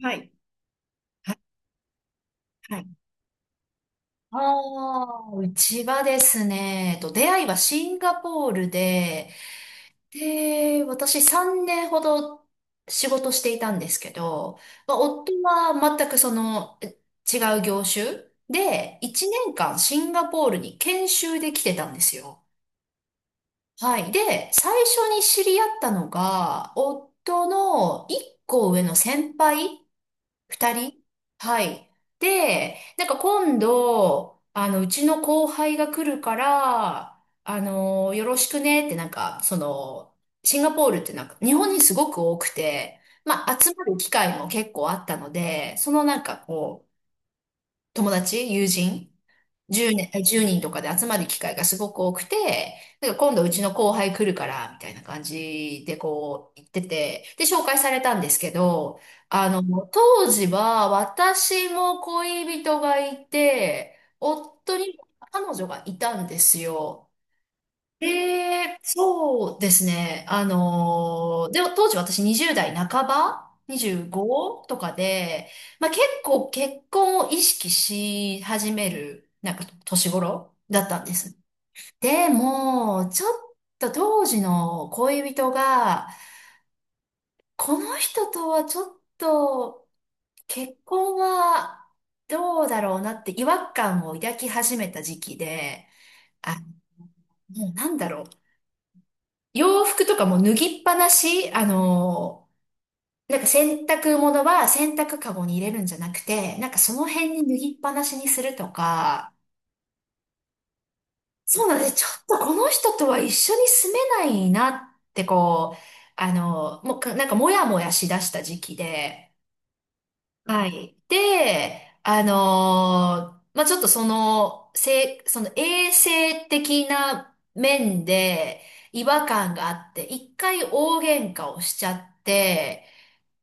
はい。はい。はい。ああ、うちはですね、出会いはシンガポールで、で、私3年ほど仕事していたんですけど、まあ、夫は全くその違う業種で、1年間シンガポールに研修で来てたんですよ。はい。で、最初に知り合ったのが、夫の1個上の先輩二人。はい。で、なんか今度、あの、うちの後輩が来るから、あの、よろしくねってなんか、その、シンガポールってなんか、日本にすごく多くて、まあ、集まる機会も結構あったので、そのなんかこう、友人10年、1人とかで集まる機会がすごく多くて、なんか今度うちの後輩来るから、みたいな感じでこう言ってて、で、紹介されたんですけど、あの、当時は私も恋人がいて、夫にも彼女がいたんですよ。ええ、そうですね。で、当時私20代半ば ?25 とかで、まあ、結構結婚を意識し始める、なんか年頃だったんです。でも、ちょっと当時の恋人が、この人とはちょっと結婚はどうだろうなって違和感を抱き始めた時期で、あ、もうなんだろう。洋服とかも脱ぎっぱなし、あの、なんか洗濯物は洗濯カゴに入れるんじゃなくて、なんかその辺に脱ぎっぱなしにするとか、そうなんです。ちょっとこの人とは一緒に住めないなってこう、あの、もうなんかもやもやしだした時期で、はい。で、あの、まあ、ちょっとその、その衛生的な面で違和感があって、一回大喧嘩をしちゃって、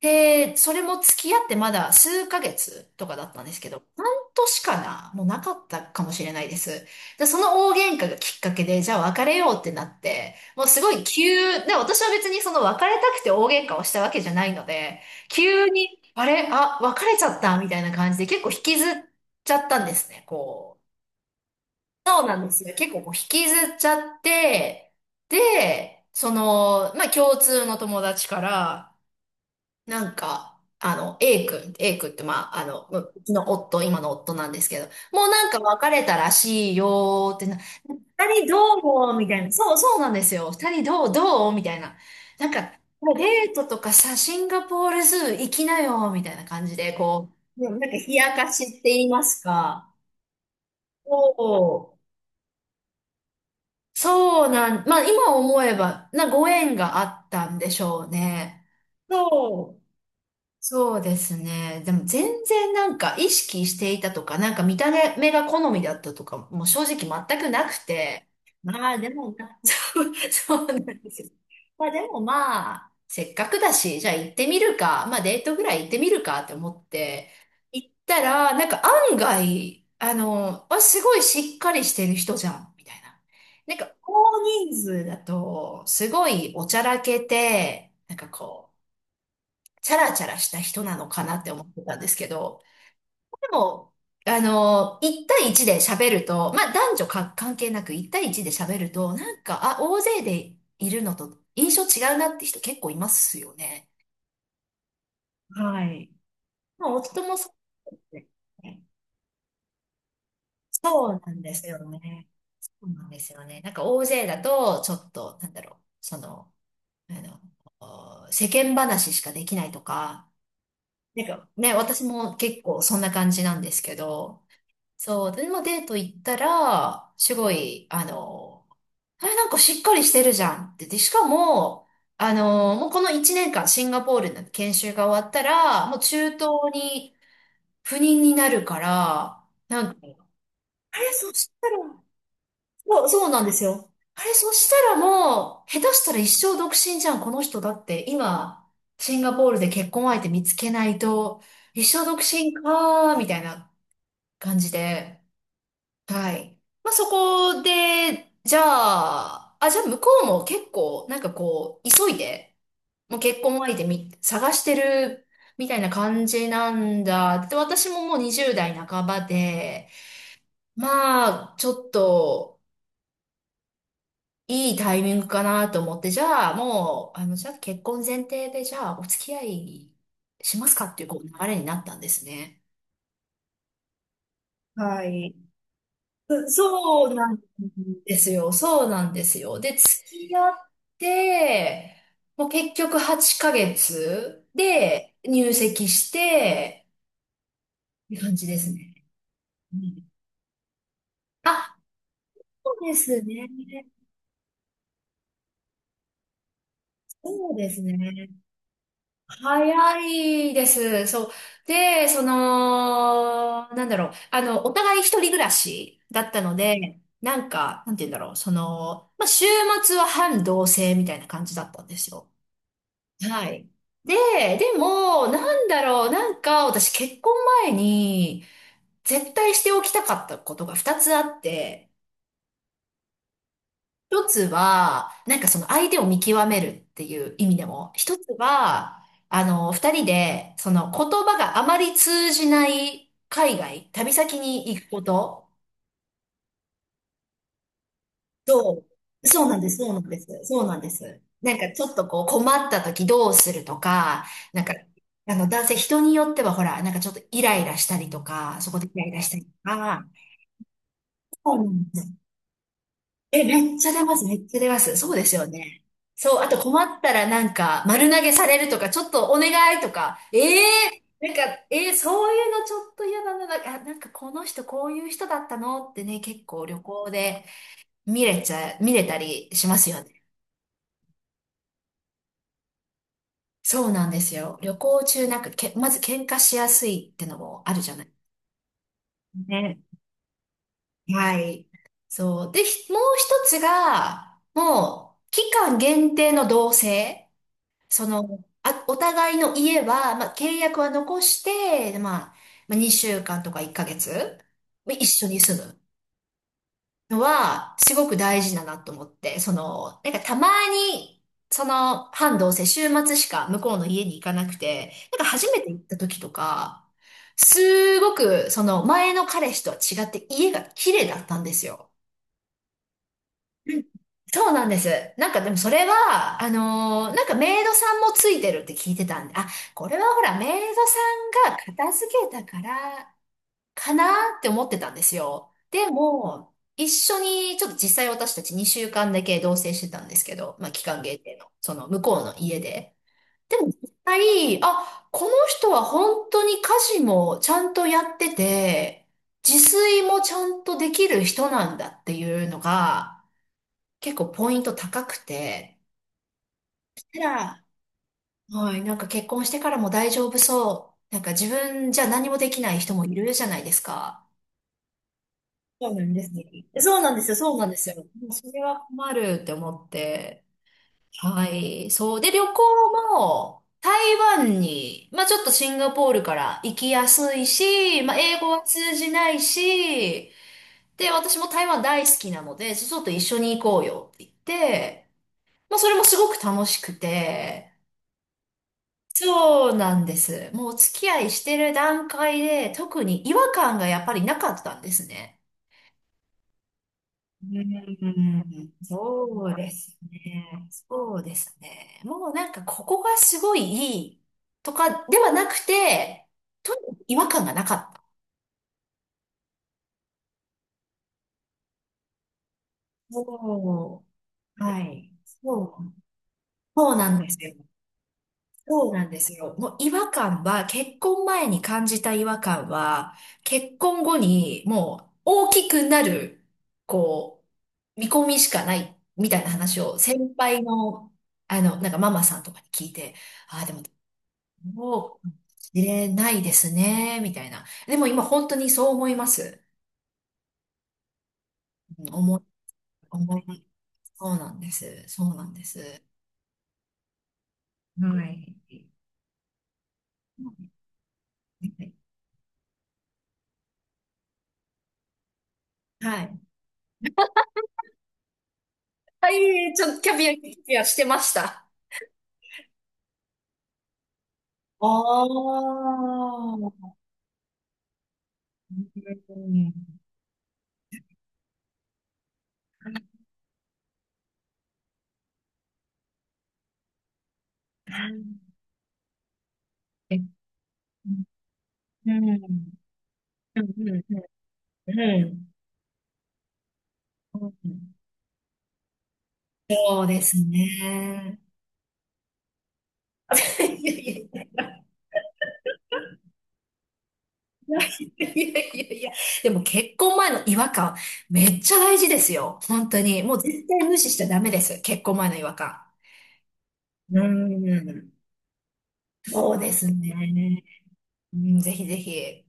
で、それも付き合ってまだ数ヶ月とかだったんですけど、半年かなもうなかったかもしれないです。で、その大喧嘩がきっかけで、じゃあ別れようってなって、もうすごいで、私は別にその別れたくて大喧嘩をしたわけじゃないので、急に、あれ、あ、別れちゃったみたいな感じで結構引きずっちゃったんですね、こう。そうなんですよ。結構こう引きずっちゃって、で、その、まあ共通の友達から、なんか、あの、A 君、A 君って、まあ、あの、うちの夫、今の夫なんですけど、もうなんか別れたらしいよーってな、二人どうもみたいな。そう、そうなんですよ。二人どうみたいな。なんか、デートとかさ、シンガポールズー行きなよみたいな感じで、こう、でもなんか冷やかしって言いますか。そう、そうなん、まあ今思えば、ご縁があったんでしょうね。そうそうですね。でも全然なんか意識していたとか、なんか見た目が好みだったとか、もう正直全くなくて。まあでもな、そう、そうなんですよ。まあでもまあ、せっかくだし、じゃあ行ってみるか、まあデートぐらい行ってみるかって思って、行ったら、なんか案外、あの、あ、すごいしっかりしてる人じゃん、みたいな。なんか大人数だと、すごいおちゃらけて、なんかこう、チャラチャラした人なのかなって思ってたんですけど、でも、あの、1対1で喋ると、まあ男女か関係なく1対1で喋ると、なんか、あ、大勢でいるのと印象違うなって人結構いますよね。はい。まあ夫もそうですね。そうなんですよね。そうなんですよね。なんか大勢だと、ちょっと、なんだろう、その、あの、お世間話しかできないとか、なんかね、私も結構そんな感じなんですけど、そう、でもデート行ったら、すごい、あの、あれなんかしっかりしてるじゃんって。で、しかも、あの、もうこの1年間シンガポールの研修が終わったら、もう中東に赴任になるから、なんか、あれ、そしたら、そう、そうなんですよ。あれ、そしたらもう、下手したら一生独身じゃん、この人だって。今、シンガポールで結婚相手見つけないと、一生独身かー、みたいな感じで。はい。まあ、そこで、じゃあ、あ、じゃあ向こうも結構、なんかこう、急いで、もう結婚相手探してる、みたいな感じなんだ。で、私ももう20代半ばで、まあ、ちょっと、いいタイミングかなと思って、じゃあ、もう、あの、じゃあ結婚前提で、じゃあ、お付き合いしますかっていう、こう、流れになったんですね。はい。そうなんですよ。そうなんですよ。で、付き合って、もう結局8ヶ月で入籍して、って感じですね。うん、あ、そうですね。そうですね。早いです。そう。で、その、なんだろう。あの、お互い一人暮らしだったので、なんか、なんて言うんだろう。その、まあ、週末は半同棲みたいな感じだったんですよ。はい。で、でも、なんだろう、なんか、私結婚前に、絶対しておきたかったことが二つあって、一つは、なんかその相手を見極めるっていう意味でも、一つは、あの、二人で、その言葉があまり通じない海外、旅先に行くこと。そう、そうなんです、そうなんです、そうなんです。なんかちょっとこう困った時どうするとか、なんか、あの男性人によってはほら、なんかちょっとイライラしたりとか、そこでイライラしたりとか、そうなんです。え、めっちゃ出ます、めっちゃ出ます。そうですよね。そう、あと困ったらなんか丸投げされるとか、ちょっとお願いとか、ええなんか、そういうのちょっと嫌だな、なんか、あなんかこの人こういう人だったのってね、結構旅行で見れたりしますよね。そうなんですよ。旅行中なんかまず喧嘩しやすいってのもあるじゃない。ね。はい。そう。で、もう一つが、もう、期間限定の同棲。その、あ、お互いの家は、まあ、契約は残して、まあ、2週間とか1ヶ月、まあ一緒に住む。のは、すごく大事だなと思って、その、なんかたまに、その、半同棲、週末しか向こうの家に行かなくて、なんか初めて行った時とか、すごく、その、前の彼氏とは違って家が綺麗だったんですよ。そうなんです。なんかでもそれは、なんかメイドさんもついてるって聞いてたんで、あ、これはほらメイドさんが片付けたからかなーって思ってたんですよ。でも、一緒に、ちょっと実際私たち2週間だけ同棲してたんですけど、まあ期間限定の、その向こうの家で。でも実際、あ、この人は本当に家事もちゃんとやってて、自炊もちゃんとできる人なんだっていうのが、結構ポイント高くて、たら、はい、なんか結婚してからも大丈夫そう。なんか自分じゃ何もできない人もいるじゃないですか。そうなんですね。そうなんですよ、そうなんですよ。もうそれは困るって思って。はい。そう。で、旅行も、台湾に、まあちょっとシンガポールから行きやすいし、まあ英語は通じないし、で、私も台湾大好きなので、ちょっと一緒に行こうよって言って、まあそれもすごく楽しくて、そうなんです。もうお付き合いしてる段階で、特に違和感がやっぱりなかったんですね。うん、そうですね。そうですね。もうなんかここがすごいいいとかではなくて、とにかく違和感がなかった。そう。はい。そう。そうなんですよ。そうなんですよ。もう違和感は、結婚前に感じた違和感は、結婚後にもう大きくなる、こう、見込みしかないみたいな話を先輩の、あの、なんかママさんとかに聞いて、ああ、でも、入れないですね、みたいな。でも今本当にそう思います。うん、思い、思い、そうなんです。そうなんです。はい。はい。はい、ちょっとキャビア、キャビアしてました。おー。うん。うん。うん。うん、そうですね。いやいやいやいやいや。でも結婚前の違和感、めっちゃ大事ですよ。本当に。もう絶対無視しちゃダメです。結婚前の違和感。うん。そうですね。うん、ぜひぜひ。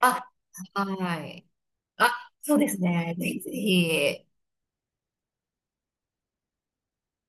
あ、はい。あ、そうですね。ぜひぜひ。